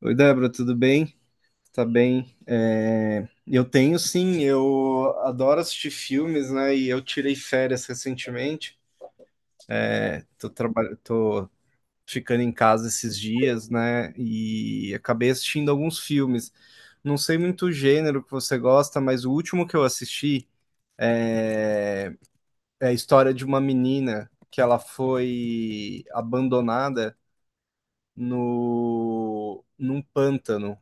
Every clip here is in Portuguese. Oi, Débora, tudo bem? Tá bem? Eu tenho sim, eu adoro assistir filmes, né? E eu tirei férias recentemente. Tô ficando em casa esses dias, né? E acabei assistindo alguns filmes. Não sei muito o gênero que você gosta, mas o último que eu assisti é, é a história de uma menina que ela foi abandonada no... num pântano.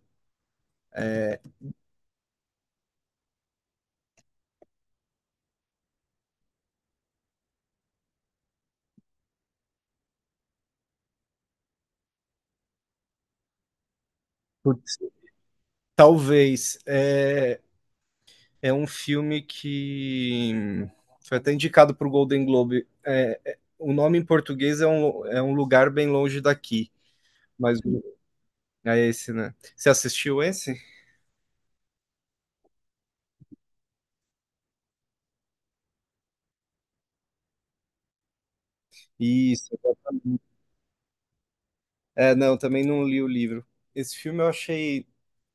Putz, talvez. É um filme que foi até indicado para o Golden Globe. O nome em português é é um lugar bem longe daqui, mas é esse, né? Você assistiu esse? Isso. É, não, também não li o livro. Esse filme eu achei,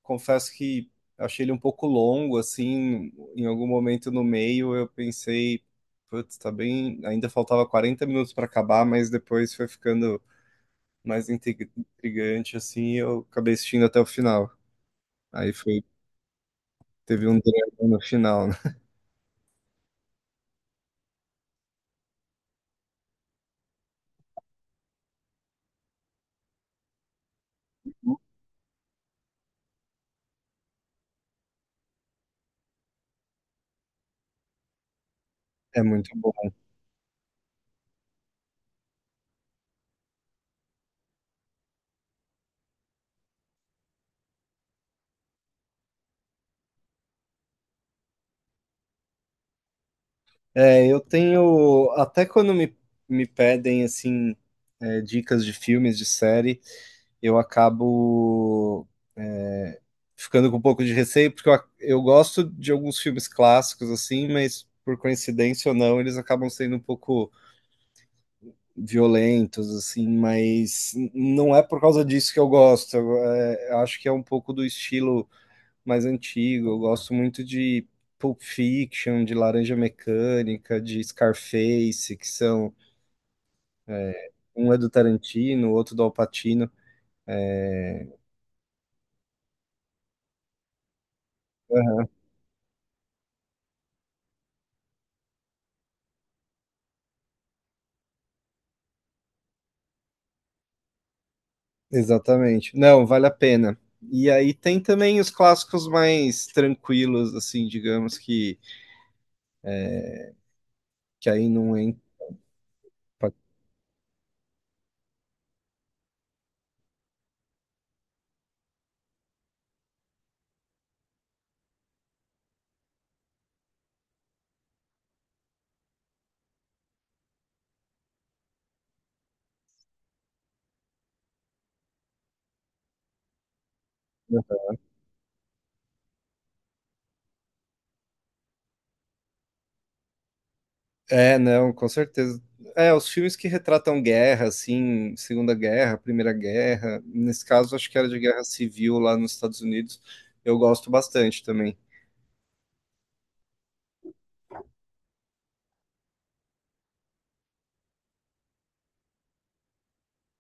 confesso que achei ele um pouco longo, assim, em algum momento no meio eu pensei, putz, tá bem, ainda faltava 40 minutos para acabar, mas depois foi ficando mais intrigante, assim, e eu acabei assistindo até o final. Aí foi Teve um drama no final, né. É muito bom. É, eu tenho até quando me pedem, assim, dicas de filmes, de série, eu acabo, eh, ficando com um pouco de receio, porque eu gosto de alguns filmes clássicos, assim, mas por coincidência ou não, eles acabam sendo um pouco violentos, assim, mas n não é por causa disso que eu gosto, eu, acho que é um pouco do estilo mais antigo. Eu gosto muito de Pulp Fiction, de Laranja Mecânica, de Scarface, que são um é do Tarantino, o outro do Al Pacino. É, aham, exatamente. Não, vale a pena. E aí tem também os clássicos mais tranquilos, assim, digamos que aí não entra. É, não, com certeza. É, os filmes que retratam guerra, assim, Segunda Guerra, Primeira Guerra, nesse caso acho que era de guerra civil lá nos Estados Unidos, eu gosto bastante também.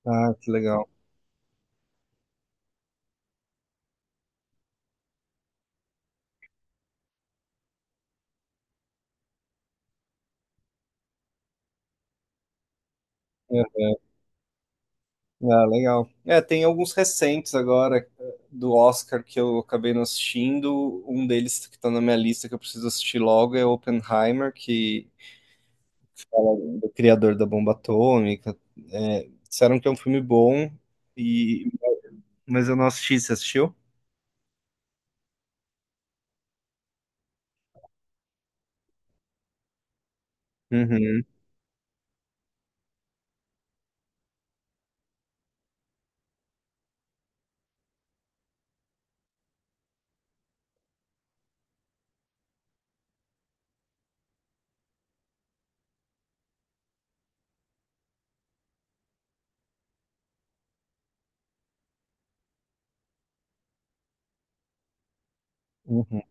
Ah, que legal. É, ah, legal. É, tem alguns recentes agora do Oscar que eu acabei não assistindo. Um deles que tá na minha lista que eu preciso assistir logo é Oppenheimer, que fala do criador da bomba atômica. É, disseram que é um filme bom, e... mas eu não assisti. Você assistiu? Uhum. Uhum.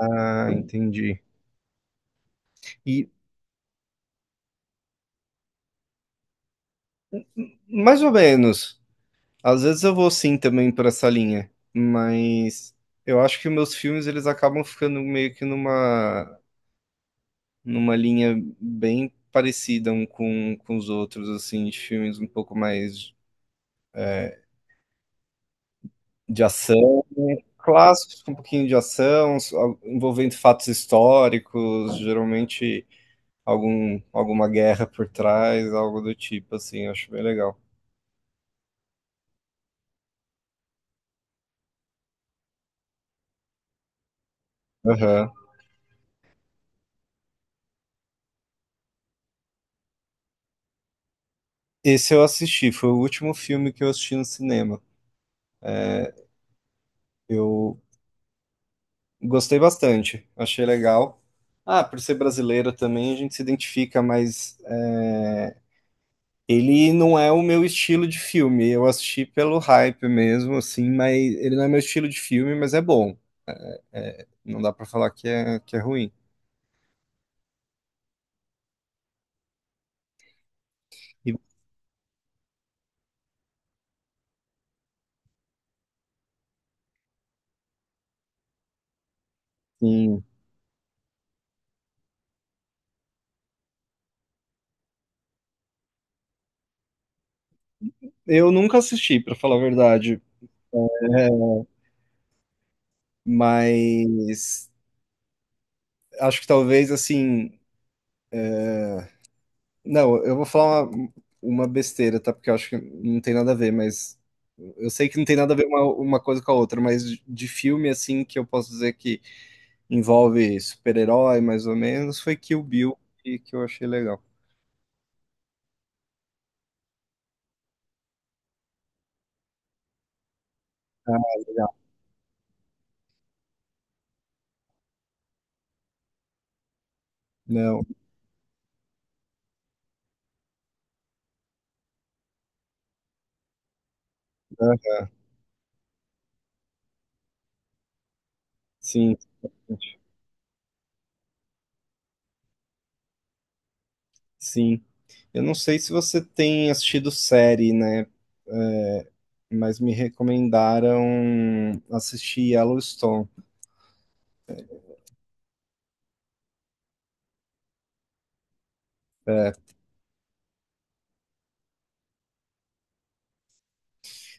Ah, entendi. E mais ou menos. Às vezes eu vou sim também por essa linha, mas eu acho que meus filmes eles acabam ficando meio que numa linha bem parecida um com os outros, assim, de filmes um pouco mais é, de ação, clássicos com um pouquinho de ação, envolvendo fatos históricos, geralmente alguma guerra por trás, algo do tipo, assim, eu acho bem legal. Esse eu assisti, foi o último filme que eu assisti no cinema. É, eu gostei bastante, achei legal. Ah, por ser brasileiro também a gente se identifica, mas ele não é o meu estilo de filme. Eu assisti pelo hype mesmo, assim, mas ele não é meu estilo de filme, mas é bom. É, não dá pra falar que é ruim. E, sim, eu nunca assisti, pra falar a verdade. É, mas acho que talvez assim não, eu vou falar uma besteira, tá? Porque eu acho que não tem nada a ver, mas eu sei que não tem nada a ver uma coisa com a outra, mas de filme assim que eu posso dizer que envolve super-herói, mais ou menos, foi Kill Bill que eu achei legal. Ah, legal. Não, aham, sim, sim. Eu não sei se você tem assistido série, né? Ah, Mas me recomendaram assistir Yellowstone. É,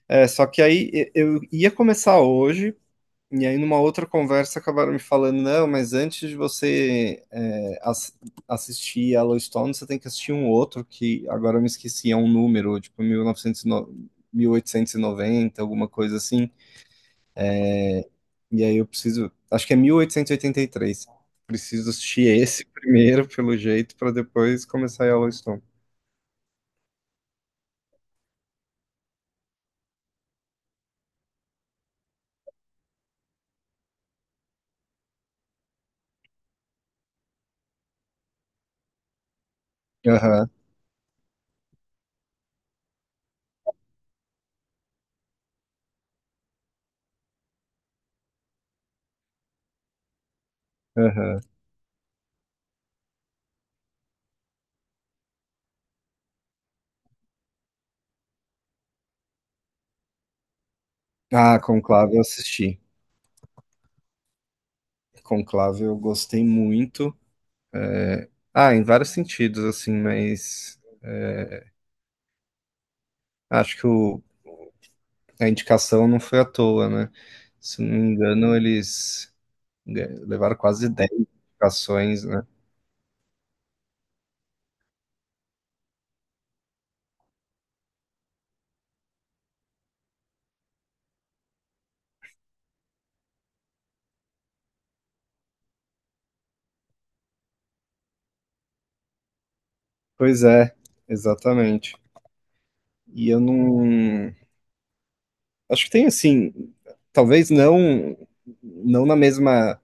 Só que aí eu ia começar hoje. E aí, numa outra conversa, acabaram me falando, não, mas antes de você assistir Yellowstone, você tem que assistir um outro, que agora eu me esqueci, é um número, tipo mil mil novecentos e no- 1890 alguma coisa assim. E aí eu preciso, acho que é mil oitocentos e oitenta e três. Preciso assistir esse primeiro, pelo jeito, para depois começar Yellowstone. Aham, aham. Ah, Conclave eu assisti. Conclave eu gostei muito. É, Ah, em vários sentidos, assim, mas... é, acho que a indicação não foi à toa, né? Se não me engano, eles levaram quase 10 indicações, né? Pois é, exatamente. E eu não. Acho que tem assim, talvez não não na mesma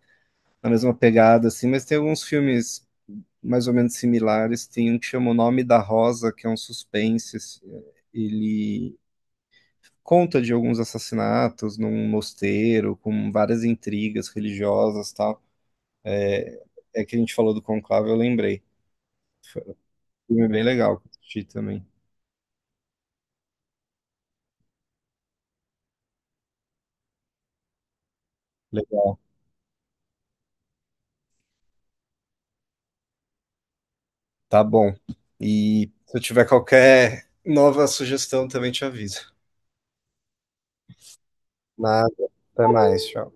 na mesma pegada assim, mas tem alguns filmes mais ou menos similares. Tem um que chama O Nome da Rosa, que é um suspense, assim. Ele conta de alguns assassinatos num mosteiro com várias intrigas religiosas, tal. É que a gente falou do Conclave, eu lembrei. Foi um filme bem legal que eu assisti também. Legal. Tá bom. E se eu tiver qualquer nova sugestão, também te aviso. Nada. Até mais. Tchau.